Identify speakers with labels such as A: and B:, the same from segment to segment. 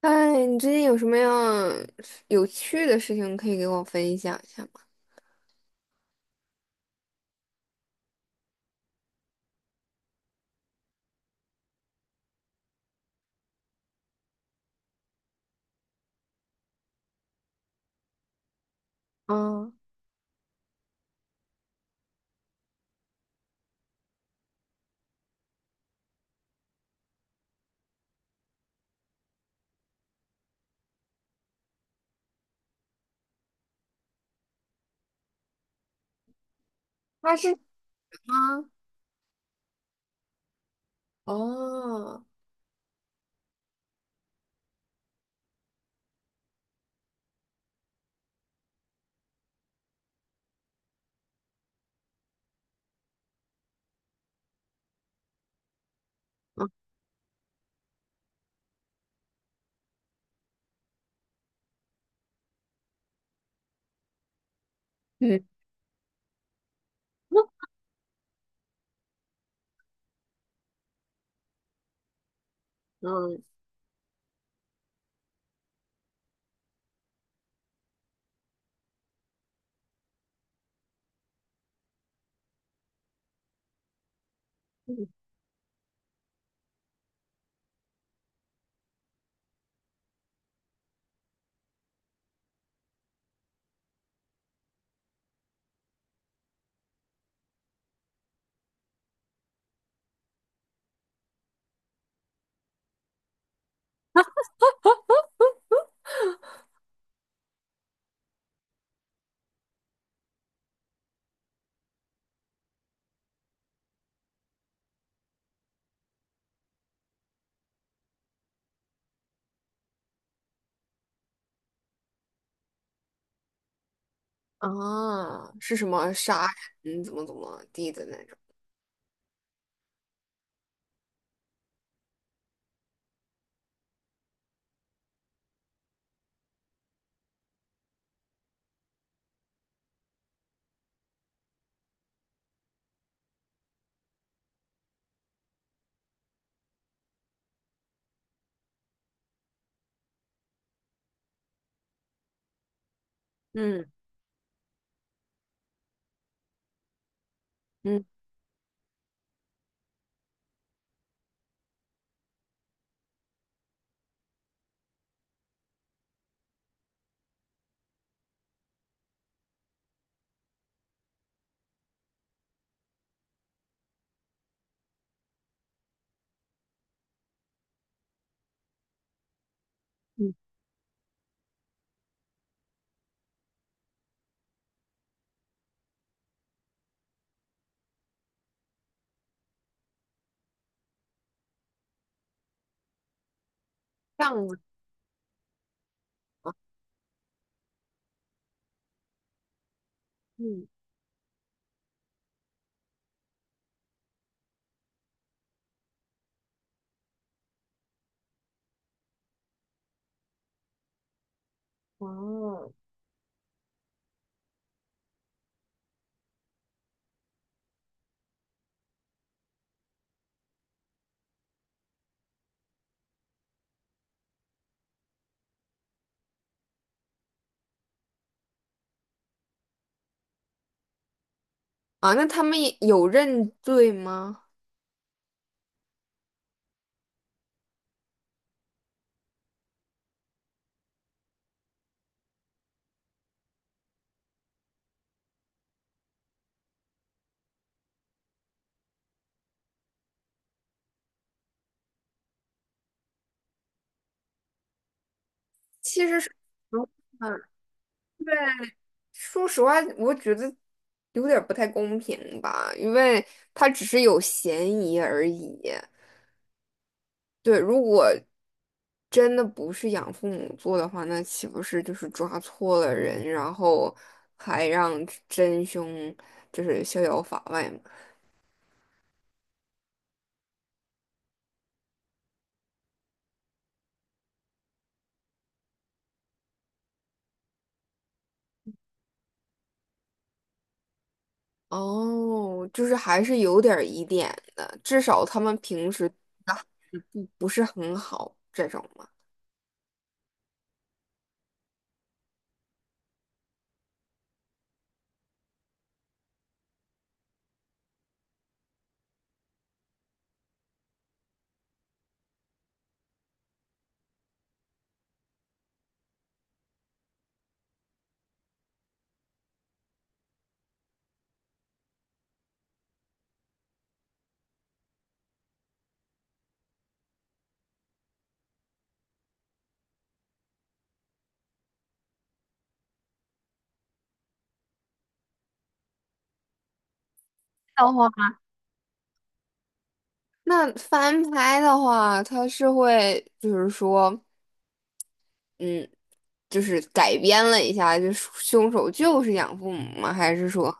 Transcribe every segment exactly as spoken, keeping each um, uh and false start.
A: 哎，你最近有什么样有趣的事情可以给我分享一下吗？啊，他是啊，哦，嗯，嗯嗯，啊，是什么杀人怎么怎么地的那种？嗯嗯嗯，这样子，啊，嗯，哦，啊，那他们也有认罪吗？其实是嗯，啊，说实话，我觉得有点儿不太公平吧，因为他只是有嫌疑而已。对，如果真的不是养父母做的话，那岂不是就是抓错了人，然后还让真凶就是逍遥法外嘛？哦，就是还是有点儿疑点的，至少他们平时不不是很好这种嘛。的话，那翻拍的话，他是会就是说，嗯，就是改编了一下，就是凶手就是养父母吗？还是说，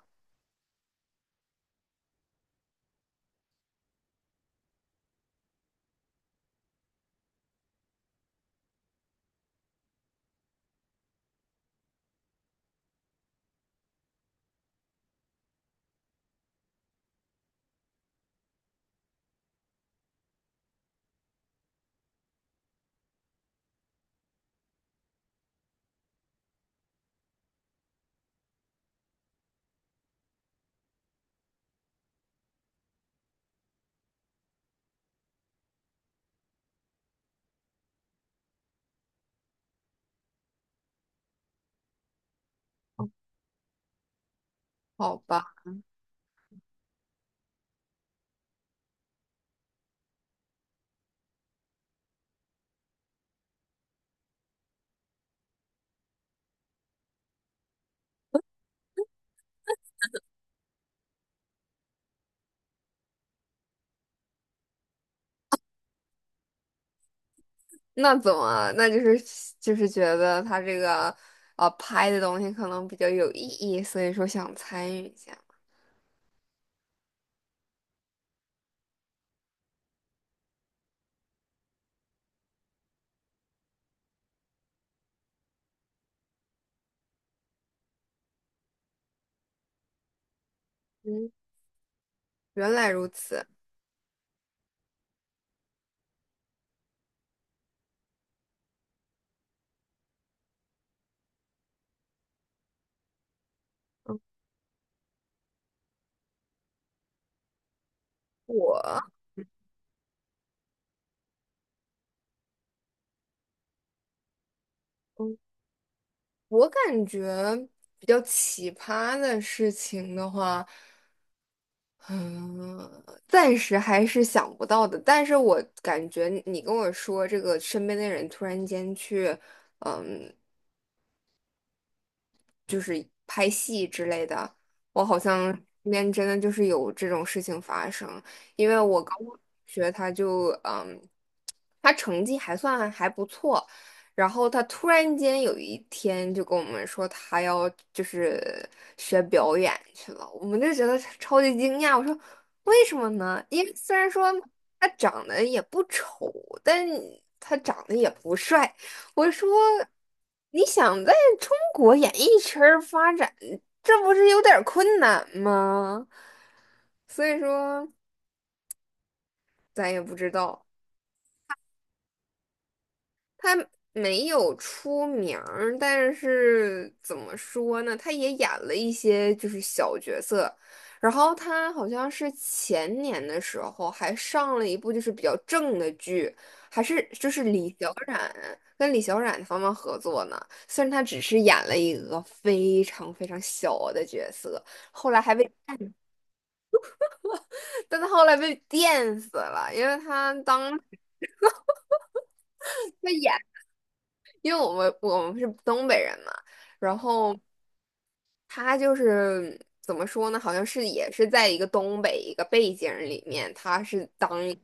A: 好吧？那怎么？那就是就是觉得他这个呃拍的东西可能比较有意义，所以说想参与一下。嗯，原来如此。嗯我嗯我感觉比较奇葩的事情的话，嗯，暂时还是想不到的。但是我感觉你跟我说这个身边的人突然间去。嗯。就是拍戏之类的，我好像身边真的就是有这种事情发生。因为我高中同学他就嗯，他成绩还算还不错，然后他突然间有一天就跟我们说他要就是学表演去了，我们就觉得超级惊讶。我说为什么呢？因为虽然说他长得也不丑，但他长得也不帅。我说，你想在中国演艺圈儿发展，这不是有点儿困难吗？所以说，咱也不知道。没有出名儿但是怎么说呢？他也演了一些就是小角色，然后他好像是前年的时候还上了一部就是比较正的剧，还是就是李小冉跟李小冉他们合作呢。虽然他只是演了一个非常非常小的角色，后来还被，但他后来被电死了，因为他当时他演，因为我们我们是东北人嘛。然后他就是怎么说呢？好像是也是在一个东北一个背景里面，他是当一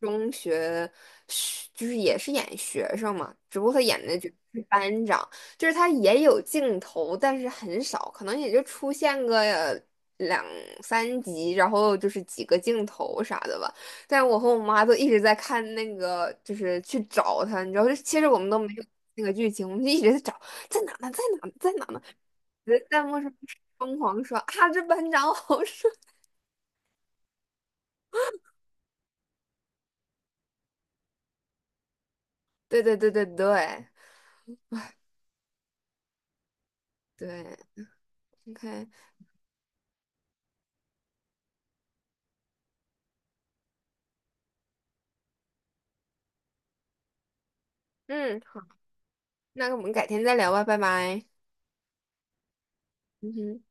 A: 中学学，就是也是演学生嘛，只不过他演的就是班长，就是他也有镜头，但是很少，可能也就出现个呃两三集，然后就是几个镜头啥的吧。但我和我妈都一直在看那个，就是去找他，你知道，就其实我们都没有那个剧情，我们就一直在找，在哪呢？在哪呢？在哪呢？你的弹幕上疯狂刷，啊，这班长好帅！对对对对对对，OK，嗯，好，那我们改天再聊吧，拜拜。嗯哼。